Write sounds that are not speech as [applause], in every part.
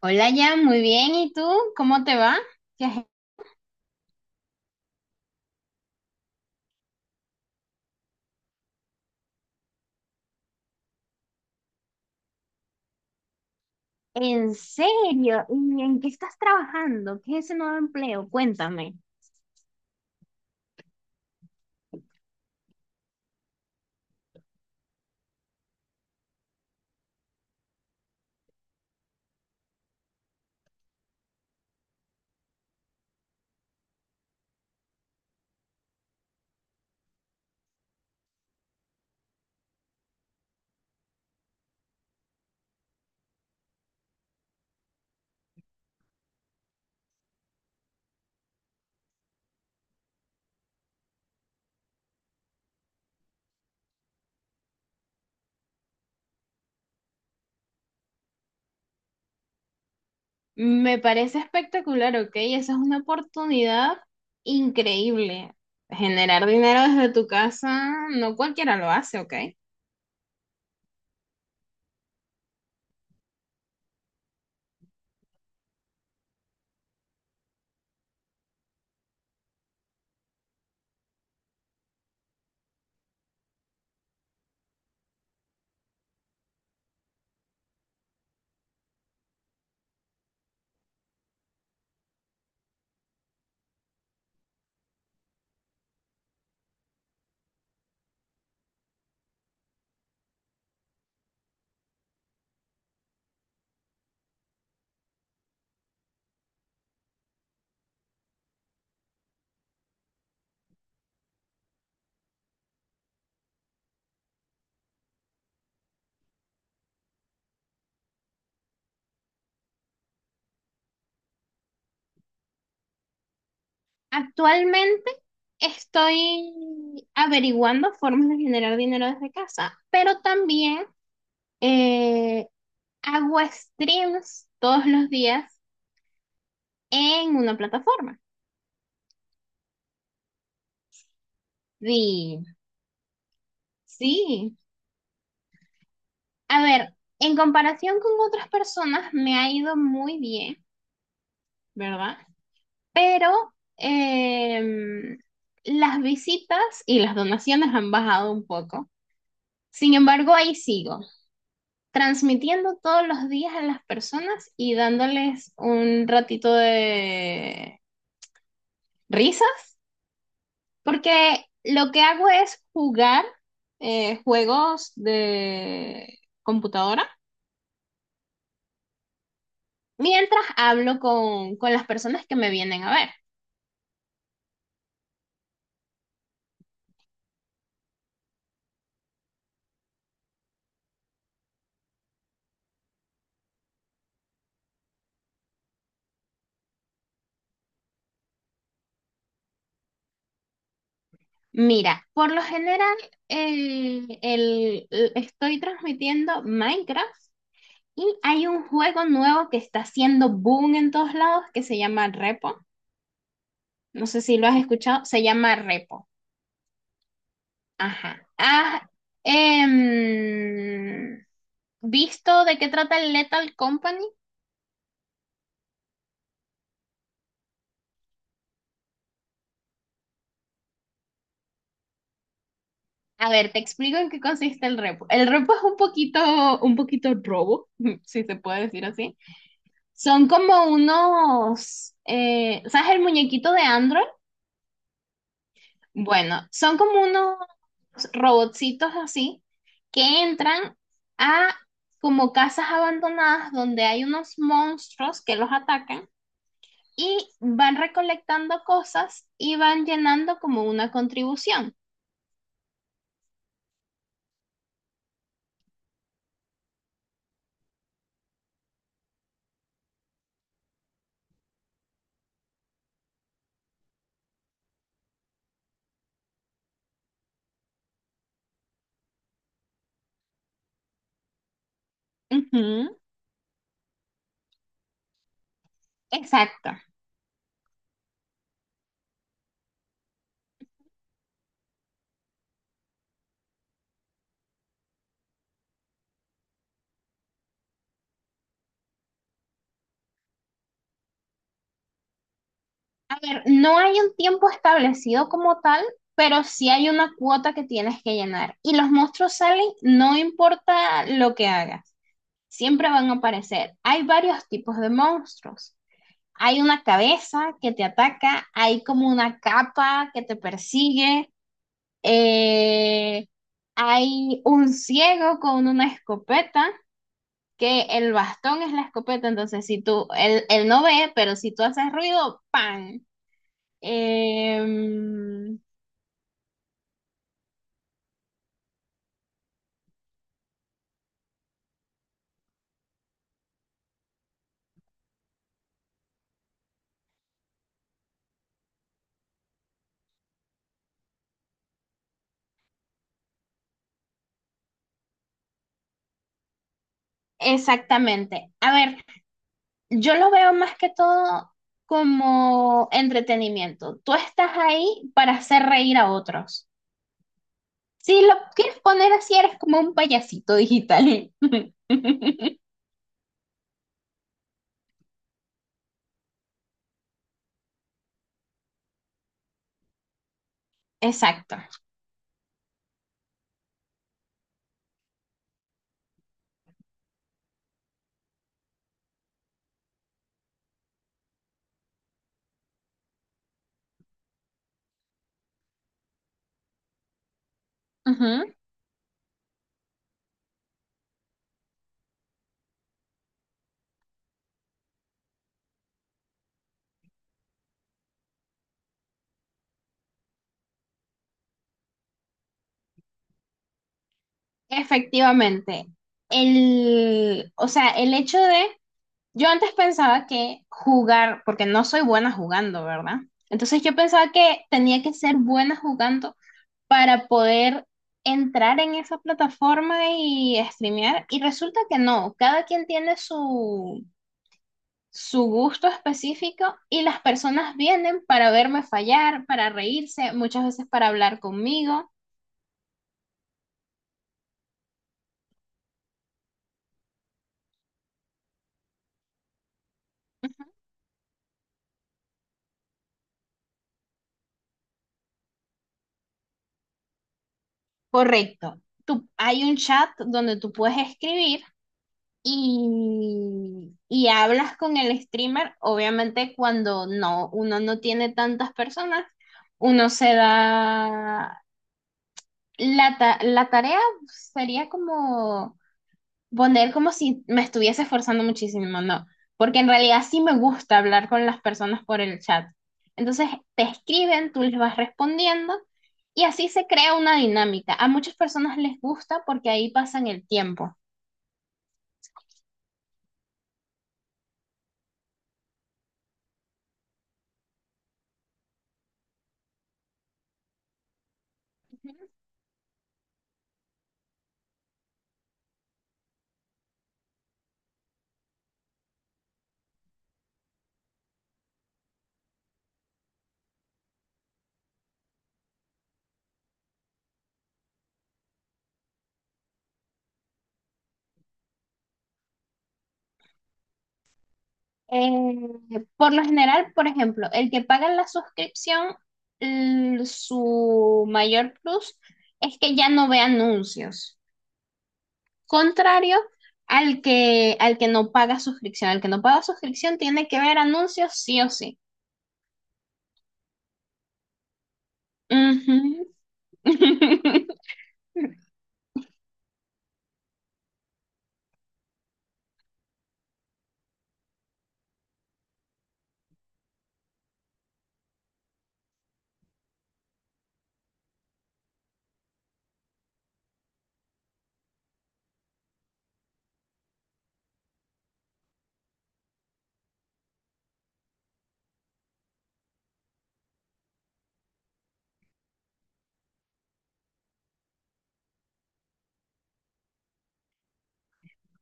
Hola, Jan, muy bien. ¿Y tú? ¿Cómo te va? ¿Qué has- ¿En serio? ¿Y en qué estás trabajando? ¿Qué es ese nuevo empleo? Cuéntame. Me parece espectacular, ¿ok? Esa es una oportunidad increíble. Generar dinero desde tu casa, no cualquiera lo hace, ¿ok? Actualmente estoy averiguando formas de generar dinero desde casa, pero también eh, hago streams todos los días en una plataforma. Sí, sí. A ver, en comparación con otras personas me ha ido muy bien, ¿verdad? Pero em, las visitas y las donaciones han bajado un poco. Sin embargo, ahí sigo, transmitiendo todos los días a las personas y dándoles un ratito de risas, porque lo que hago es jugar juegos de computadora mientras hablo con las personas que me vienen a ver. Mira, por lo general estoy transmitiendo Minecraft y hay un juego nuevo que está haciendo boom en todos lados que se llama Repo. No sé si lo has escuchado, se llama Repo. Ajá. ¿Has em, visto de qué trata el Lethal Company? A ver, te explico en qué consiste el repo. El repo es un poquito robo, [laughs] si se puede decir así. Son como unos, ¿sabes el muñequito de Android? Bueno, son como unos robotcitos así que entran a como casas abandonadas donde hay unos monstruos que los atacan y van recolectando cosas y van llenando como una contribución. Ujú, exacto. A ver, no hay un tiempo establecido como tal, pero sí hay una cuota que tienes que llenar. Y los monstruos salen, no importa lo que hagas, siempre van a aparecer. Hay varios tipos de monstruos. Hay una cabeza que te ataca, hay como una capa que te persigue, eh, hay un ciego con una escopeta, que el bastón es la escopeta, entonces si tú, él no ve, pero si tú haces ruido, ¡pam! Em, exactamente. A ver, yo lo veo más que todo como entretenimiento. Tú estás ahí para hacer reír a otros. Si lo quieres poner así, eres como un payasito digital. [laughs] Exacto. Ujú. Efectivamente. El, o sea, el hecho de, yo antes pensaba que jugar, porque no soy buena jugando, ¿verdad? Entonces yo pensaba que tenía que ser buena jugando para poder entrar en esa plataforma y streamear. Y resulta que no, cada quien tiene su gusto específico y las personas vienen para verme fallar, para reírse, muchas veces para hablar conmigo. Ujú. Correcto. Tú, hay un chat donde tú puedes escribir y hablas con el streamer. Obviamente cuando no, uno no tiene tantas personas, uno se da la tarea sería como poner como si me estuviese esforzando muchísimo, ¿no? Porque en realidad sí me gusta hablar con las personas por el chat. Entonces te escriben, tú les vas respondiendo y así se crea una dinámica. A muchas personas les gusta porque ahí pasan el tiempo. Ujú. Por lo general, por ejemplo, el que paga la suscripción, su mayor plus es que ya no ve anuncios. Contrario al que no paga suscripción. Al que no paga suscripción tiene que ver anuncios sí o sí. Ujú. [laughs]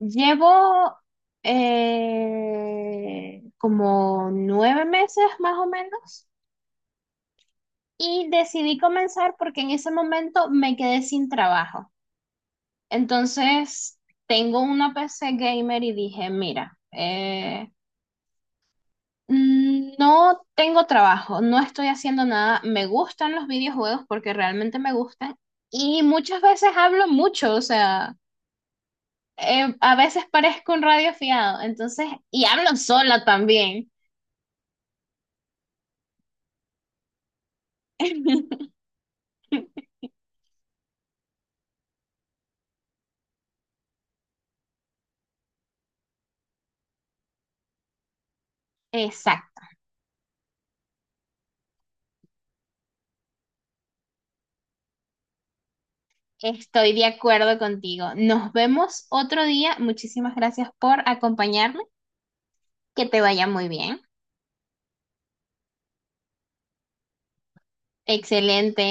Llevo como 9 meses más o menos y decidí comenzar porque en ese momento me quedé sin trabajo. Entonces tengo una PC gamer y dije, mira, no tengo trabajo, no estoy haciendo nada. Me gustan los videojuegos porque realmente me gustan y muchas veces hablo mucho, o sea, a veces parezco un radio fiado, entonces, y hablo sola también. [laughs] Exacto, estoy de acuerdo contigo. Nos vemos otro día. Muchísimas gracias por acompañarme. Que te vaya muy bien. Excelente.